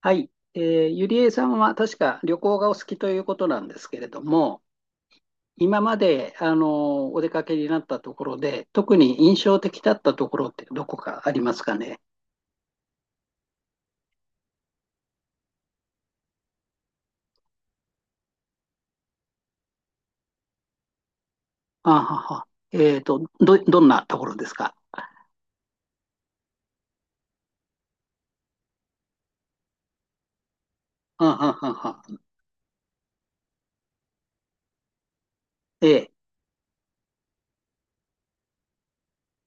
はい、ゆりえさんは確か旅行がお好きということなんですけれども、今まであのお出かけになったところで、特に印象的だったところってどこかありますかね。あはは。どんなところですか。あははは。ええ、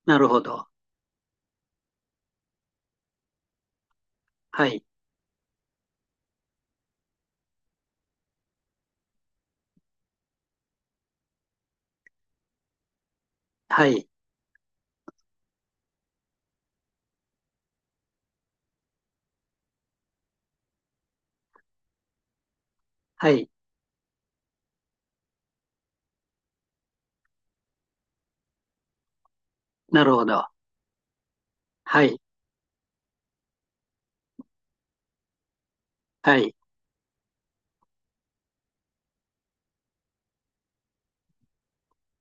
なるほど。はい、はい、はい、なるほど。はい、はい。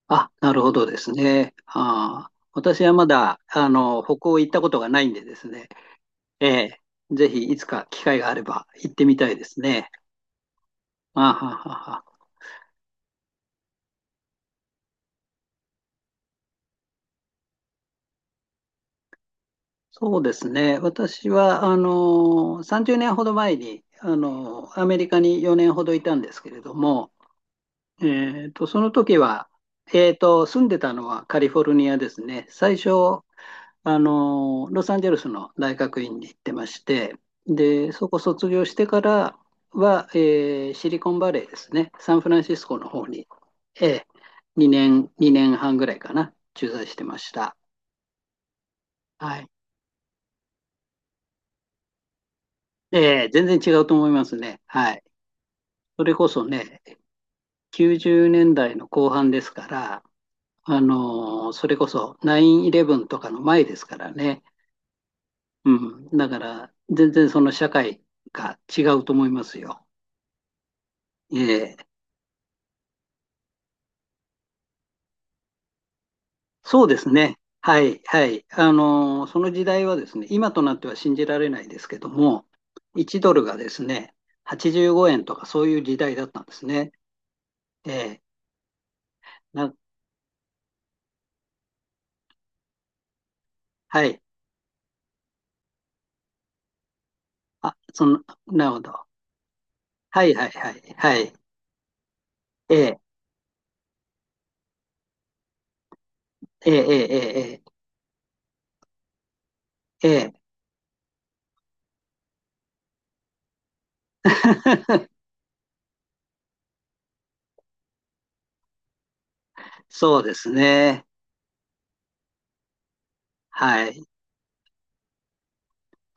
あ、なるほどですね。私はまだあの北欧行ったことがないんでですね。ええ、ぜひいつか機会があれば行ってみたいですね。あははは。そうですね。私は、30年ほど前に、アメリカに4年ほどいたんですけれども、その時は、住んでたのはカリフォルニアですね。最初、ロサンゼルスの大学院に行ってまして、で、そこ卒業してからは、シリコンバレーですね、サンフランシスコの方に、え2年、2年半ぐらいかな、駐在してました。はい。全然違うと思いますね。はい。それこそね、90年代の後半ですから、それこそ9-11とかの前ですからね。うん。だから、全然その社会が違うと思いますよ。ええ、そうですね。はい、はい。その時代はですね、今となっては信じられないですけども、1ドルがですね、85円とかそういう時代だったんですね。ええな、はい。あ、なるほど。はい、はい、はい、はい。ええええええええええ。 そうですね。はい。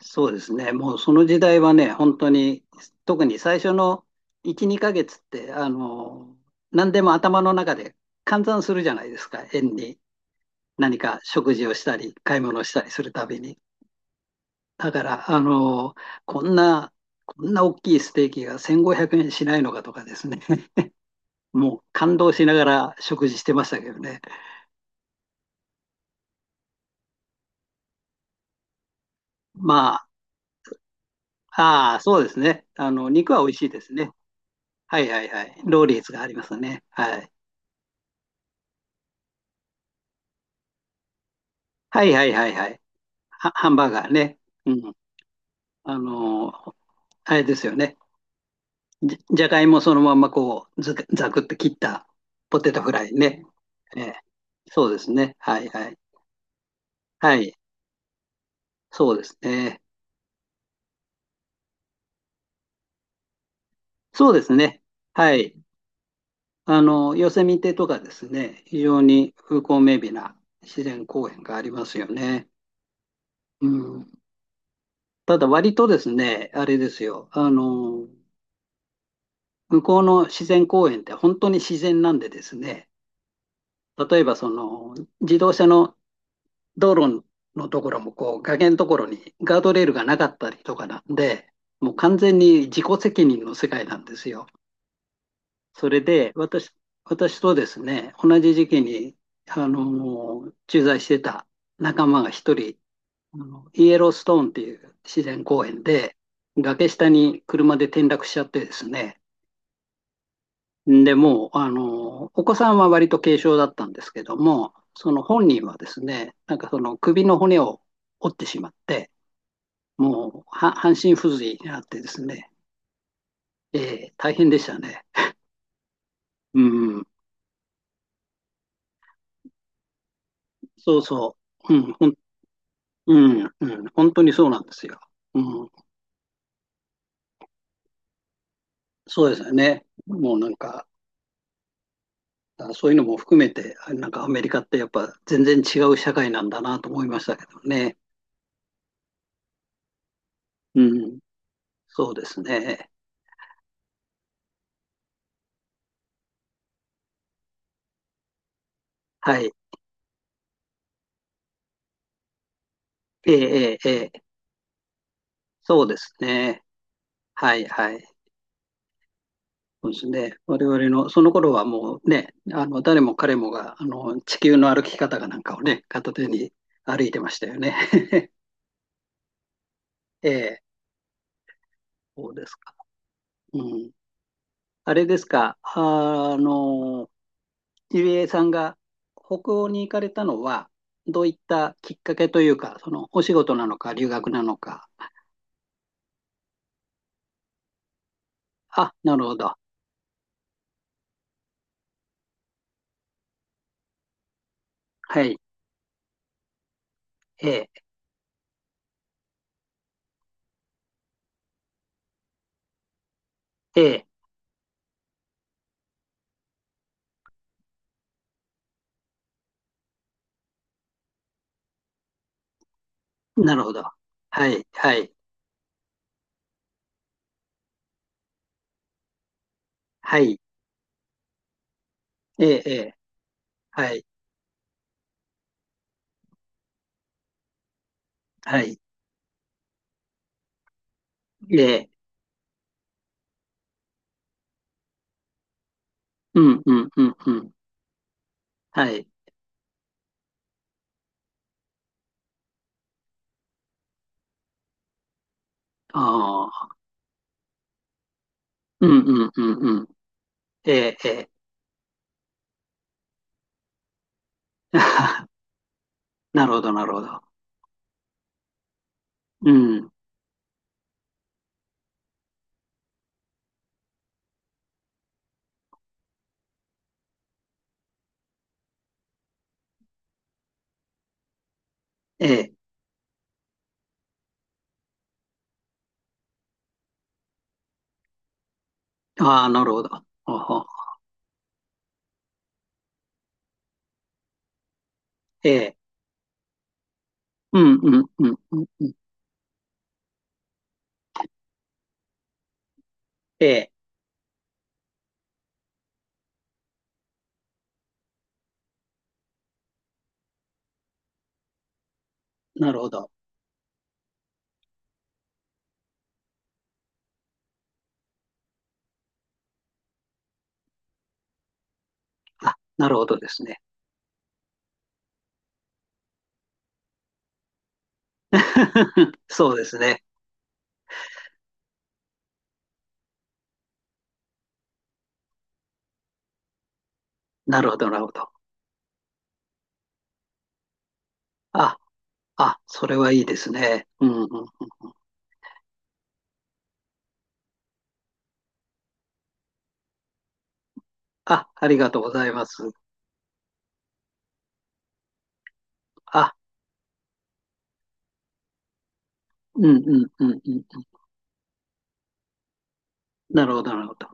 そうですね。もうその時代はね、本当に、特に最初の1、2ヶ月って、何でも頭の中で換算するじゃないですか。円に。何か食事をしたり、買い物をしたりするたびに。だから、こんな、こんな大きいステーキが1500円しないのかとかですね。もう感動しながら食事してましたけどね。まあ、ああ、そうですね。肉は美味しいですね。はいはいはい。ローリーズがありますね。はい。はいはいはいはい。ハンバーガーね。うん。あのー、あれですよね。じゃがいもそのままこう、ず、ざくって切ったポテトフライね。ええ。そうですね。はいはい。はい。そうですね。そうですね。はい。ヨセミテとかですね、非常に風光明媚な自然公園がありますよね。うん。ただ割とですね、あれですよ。向こうの自然公園って本当に自然なんでですね、例えばその自動車の道路のところもこう崖のところにガードレールがなかったりとかなんで、もう完全に自己責任の世界なんですよ。それで私とですね、同じ時期に駐在してた仲間が一人、イエローストーンっていう自然公園で崖下に車で転落しちゃってですね、で、もう、お子さんは割と軽症だったんですけども、その本人はですね、なんかその首の骨を折ってしまって、もうは半身不随になってですね、大変でしたね。うん、そうそう、うん、うん、うん、本当にそうなんですよ。うん、そうですよね。もうなんか、そういうのも含めて、なんかアメリカってやっぱ全然違う社会なんだなと思いましたけどね。うん、そうですね。はい。ええええええ、そうですね。はいはい。そうですね。我々の、その頃はもうね、誰も彼もが、地球の歩き方かなんかをね、片手に歩いてましたよね。ええ、そうですか。うん。あれですか、ゆりえさんが北欧に行かれたのは、どういったきっかけというか、その、お仕事なのか、留学なのか。あ、なるほど。はい。ええ、ええ、なるほど。はい、はい、はい。ええ、ええ、はい、はい。ええ、うんうんうんうん。はい。ああ、うんうんうんうん。ええ、ええ。なるほど、なるほど。うん。ええ。ああ、なるほど。ほうほう、ええ。うんうんうんうんうん。ええ。なるほど。あ、なるほどですね。そうですね。なるほど、なるほど。あ、あ、それはいいですね。うんうんうん。あ、ありがとうございます。あ、うんうんうんうん。なるほど、なるほど。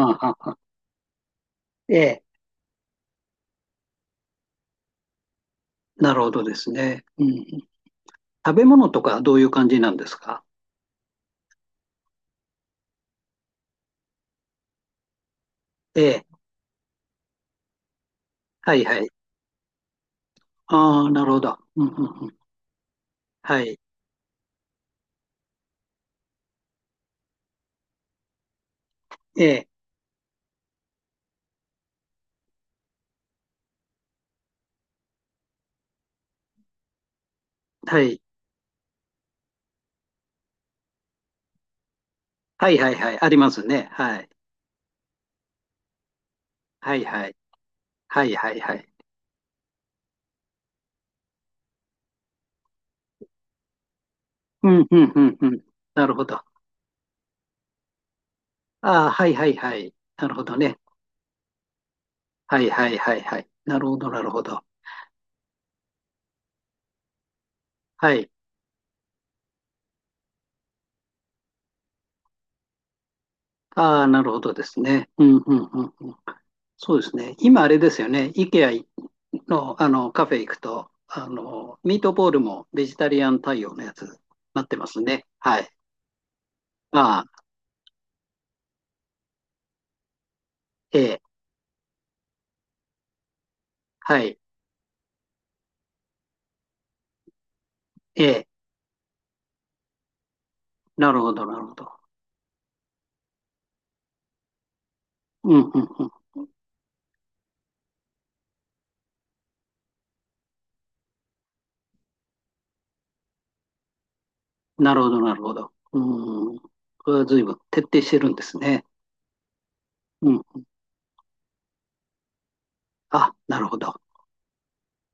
ああ、ああ、ええ。なるほどですね。うんうん。食べ物とかどういう感じなんですか？ええ。はいはい。ああ、なるほど。うんうんうん。はい。ええ。はい。はいはいはい。ありますね。はい。はいはい。はいはいはい。うんうんうんうん。なるほど。ああ、はいはいはい。なるほどね。はいはいはいはい。なるほどなるほど。はい。ああ、なるほどですね。うんうんうんうん。そうですね。今あれですよね。IKEA の、あのカフェ行くと、ミートボールもベジタリアン対応のやつになってますね。はい。ああ、ええ、はい、ええ、なるほど、なるほど。うん、うん、うん。なるほど、なるほど。うん。これは随分徹底してるんですね。うん。あ、なるほど。